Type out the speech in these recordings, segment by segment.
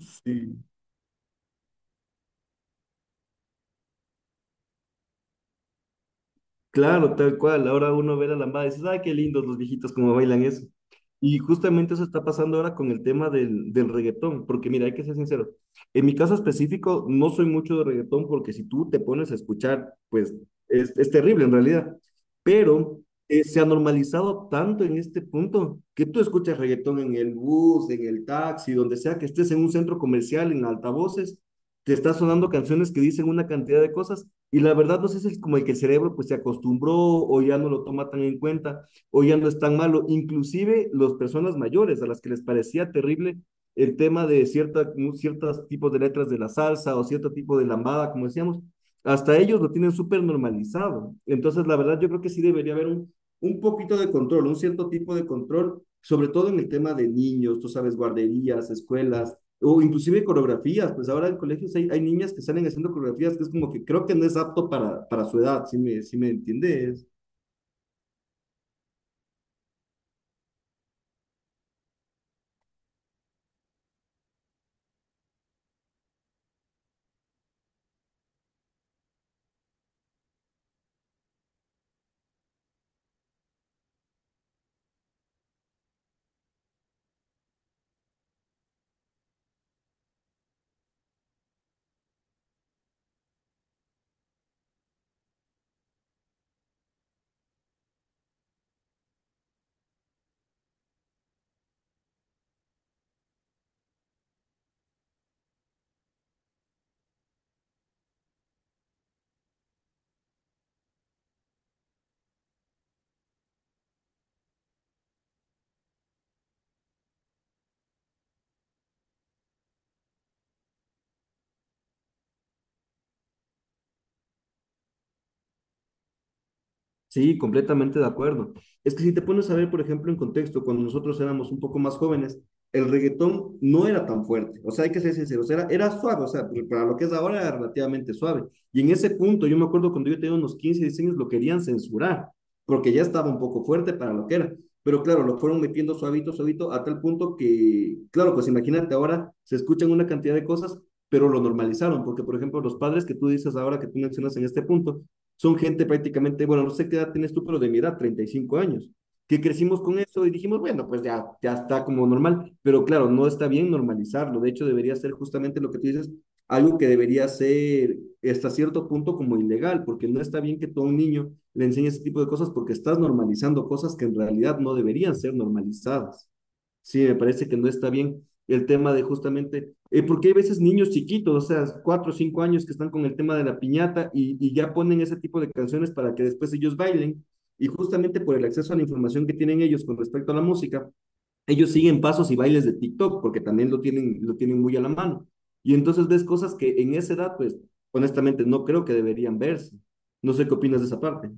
Sí, claro, tal cual. Ahora uno ve la lambada y dices, ay, qué lindos los viejitos cómo bailan eso. Y justamente eso está pasando ahora con el tema del reggaetón, porque mira, hay que ser sincero. En mi caso específico, no soy mucho de reggaetón porque si tú te pones a escuchar, pues es terrible en realidad. Pero se ha normalizado tanto en este punto que tú escuchas reggaetón en el bus, en el taxi, donde sea que estés en un centro comercial, en altavoces, te está sonando canciones que dicen una cantidad de cosas y la verdad no sé si es como el que el cerebro pues se acostumbró o ya no lo toma tan en cuenta o ya no es tan malo, inclusive las personas mayores a las que les parecía terrible el tema de ciertos tipos de letras de la salsa o cierto tipo de lambada, como decíamos, hasta ellos lo tienen súper normalizado. Entonces, la verdad, yo creo que sí debería haber un poquito de control, un cierto tipo de control, sobre todo en el tema de niños, tú sabes, guarderías, escuelas, o inclusive coreografías, pues ahora en colegios hay niñas que salen haciendo coreografías que es como que creo que no es apto para su edad, si me entiendes. Sí, completamente de acuerdo. Es que si te pones a ver, por ejemplo, en contexto, cuando nosotros éramos un poco más jóvenes, el reggaetón no era tan fuerte. O sea, hay que ser sinceros, era suave, o sea, pero para lo que es ahora era relativamente suave. Y en ese punto, yo me acuerdo cuando yo tenía unos 15 16 años, lo querían censurar, porque ya estaba un poco fuerte para lo que era. Pero claro, lo fueron metiendo suavito, suavito, a tal punto que, claro, pues imagínate, ahora se escuchan una cantidad de cosas, pero lo normalizaron, porque por ejemplo, los padres que tú dices ahora, que tú mencionas en este punto, son gente prácticamente, bueno, no sé qué edad tienes tú, pero de mi edad, 35 años, que crecimos con eso y dijimos, bueno, pues ya, ya está como normal, pero claro, no está bien normalizarlo, de hecho debería ser justamente lo que tú dices, algo que debería ser hasta cierto punto como ilegal, porque no está bien que tú a un niño le enseñes ese tipo de cosas porque estás normalizando cosas que en realidad no deberían ser normalizadas. Sí, me parece que no está bien el tema de justamente, porque hay veces niños chiquitos, o sea, 4 o 5 años que están con el tema de la piñata y ya ponen ese tipo de canciones para que después ellos bailen. Y justamente por el acceso a la información que tienen ellos con respecto a la música, ellos siguen pasos y bailes de TikTok, porque también lo tienen muy a la mano. Y entonces ves cosas que en esa edad, pues, honestamente, no creo que deberían verse. No sé qué opinas de esa parte.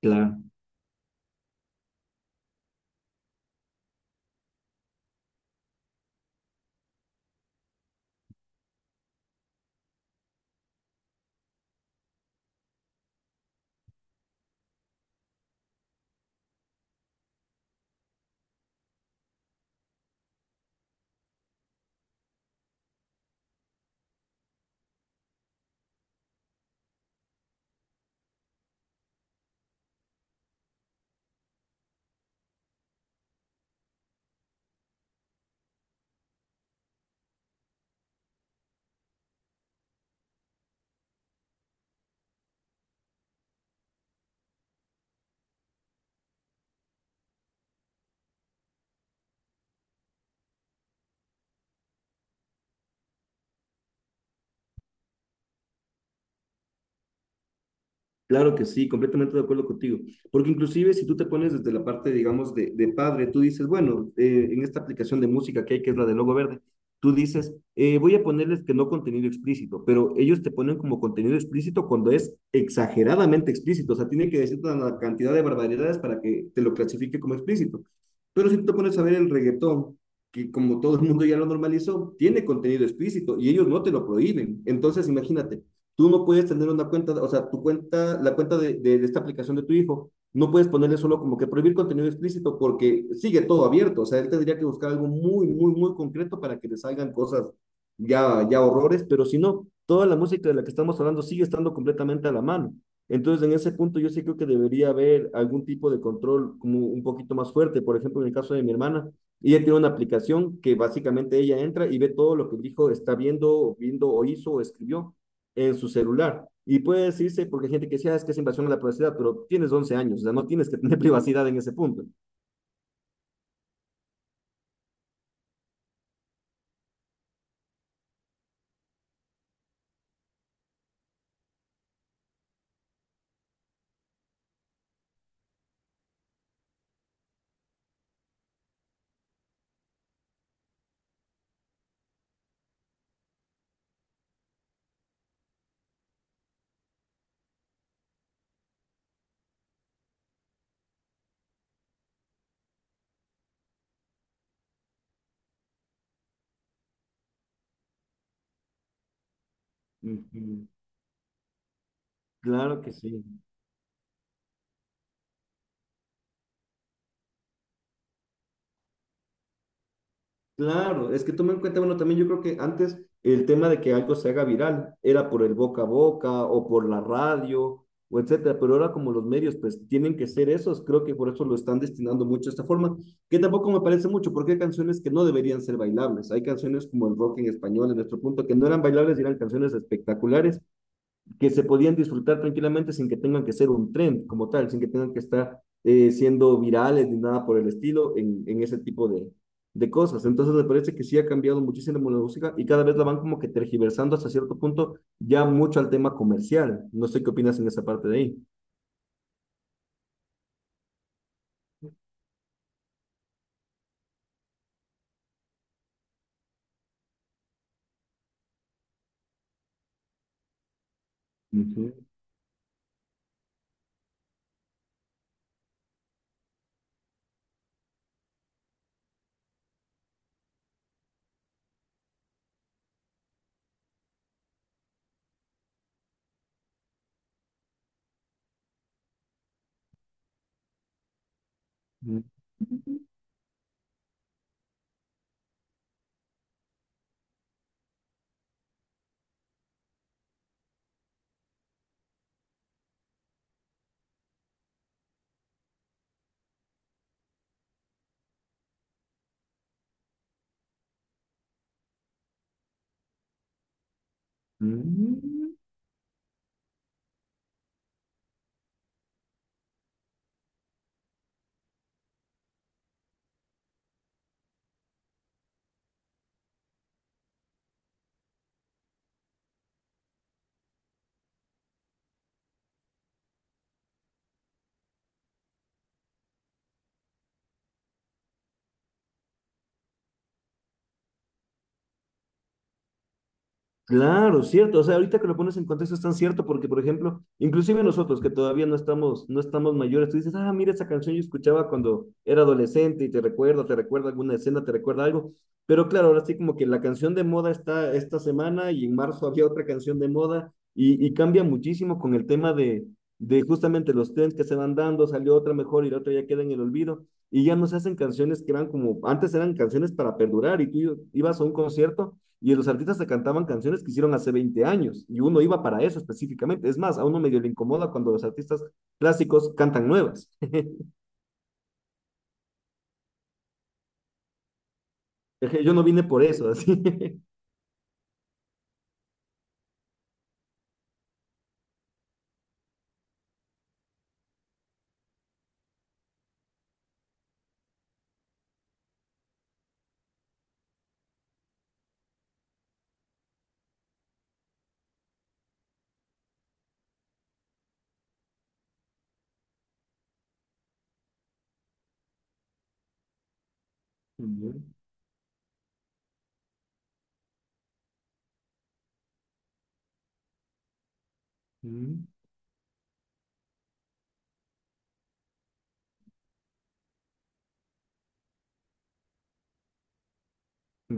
Claro. Claro que sí, completamente de acuerdo contigo. Porque inclusive si tú te pones desde la parte, digamos, de padre, tú dices, bueno, en esta aplicación de música que hay, que es la de Logo Verde, tú dices, voy a ponerles que no contenido explícito, pero ellos te ponen como contenido explícito cuando es exageradamente explícito, o sea, tienen que decirte una cantidad de barbaridades para que te lo clasifique como explícito. Pero si tú te pones a ver el reggaetón, que como todo el mundo ya lo normalizó, tiene contenido explícito y ellos no te lo prohíben. Entonces, imagínate Tú no puedes tener una cuenta, o sea, tu cuenta, la cuenta de esta aplicación de tu hijo, no puedes ponerle solo como que prohibir contenido explícito porque sigue todo abierto. O sea, él tendría que buscar algo muy, muy, muy concreto para que le salgan cosas ya, ya horrores, pero si no, toda la música de la que estamos hablando sigue estando completamente a la mano. Entonces, en ese punto, yo sí creo que debería haber algún tipo de control como un poquito más fuerte. Por ejemplo, en el caso de mi hermana, ella tiene una aplicación que básicamente ella entra y ve todo lo que el hijo está viendo o hizo o escribió en su celular. Y puede decirse, porque hay gente que decía, ah, es que es invasión a la privacidad, pero tienes 11 años, o sea, no tienes que tener privacidad en ese punto. Ujú, claro que sí. Claro, es que toma en cuenta, bueno, también yo creo que antes el tema de que algo se haga viral era por el boca a boca o por la radio o etcétera, pero ahora como los medios pues tienen que ser esos, creo que por eso lo están destinando mucho a esta forma, que tampoco me parece mucho, porque hay canciones que no deberían ser bailables, hay canciones como el rock en español en nuestro punto que no eran bailables y eran canciones espectaculares que se podían disfrutar tranquilamente sin que tengan que ser un trend como tal, sin que tengan que estar siendo virales ni nada por el estilo en ese tipo de cosas. Entonces me parece que sí ha cambiado muchísimo la música y cada vez la van como que tergiversando hasta cierto punto ya mucho al tema comercial. No sé qué opinas en esa parte de ahí. Ujú, ujú, ujú. Claro, cierto. O sea, ahorita que lo pones en contexto es tan cierto porque, por ejemplo, inclusive nosotros que todavía no estamos mayores, tú dices, ah, mira, esa canción yo escuchaba cuando era adolescente y te recuerda alguna escena, te recuerda algo. Pero claro, ahora sí como que la canción de moda está esta semana y en marzo había otra canción de moda y cambia muchísimo con el tema de justamente los trends que se van dando, salió otra mejor y la otra ya queda en el olvido y ya no se hacen canciones que eran como, antes eran canciones para perdurar y tú ibas a un concierto y los artistas se cantaban canciones que hicieron hace 20 años y uno iba para eso específicamente. Es más, a uno medio le incomoda cuando los artistas clásicos cantan nuevas. Yo no vine por eso, así. Ya, mm,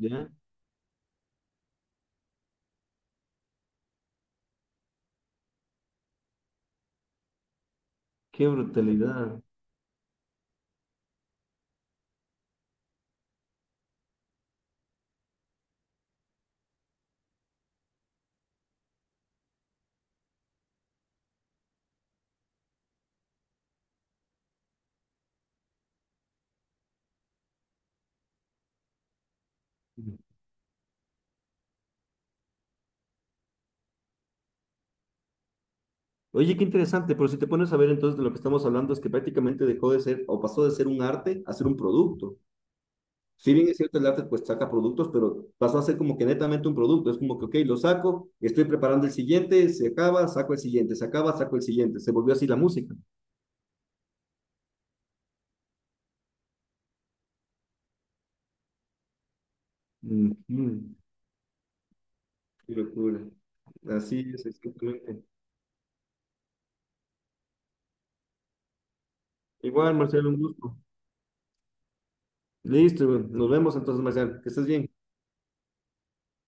ya, qué brutalidad. Oye, qué interesante, pero si te pones a ver entonces de lo que estamos hablando es que prácticamente dejó de ser o pasó de ser un arte a ser un producto. Si bien es cierto, el arte pues saca productos, pero pasó a ser como que netamente un producto. Es como que, ok, lo saco, estoy preparando el siguiente, se acaba, saco el siguiente, se acaba, saco el siguiente. Se volvió así la música. Ujú. Qué locura. Así es, exactamente. Igual, Marcelo, un gusto. Listo, nos vemos entonces, Marcelo. Que estés bien.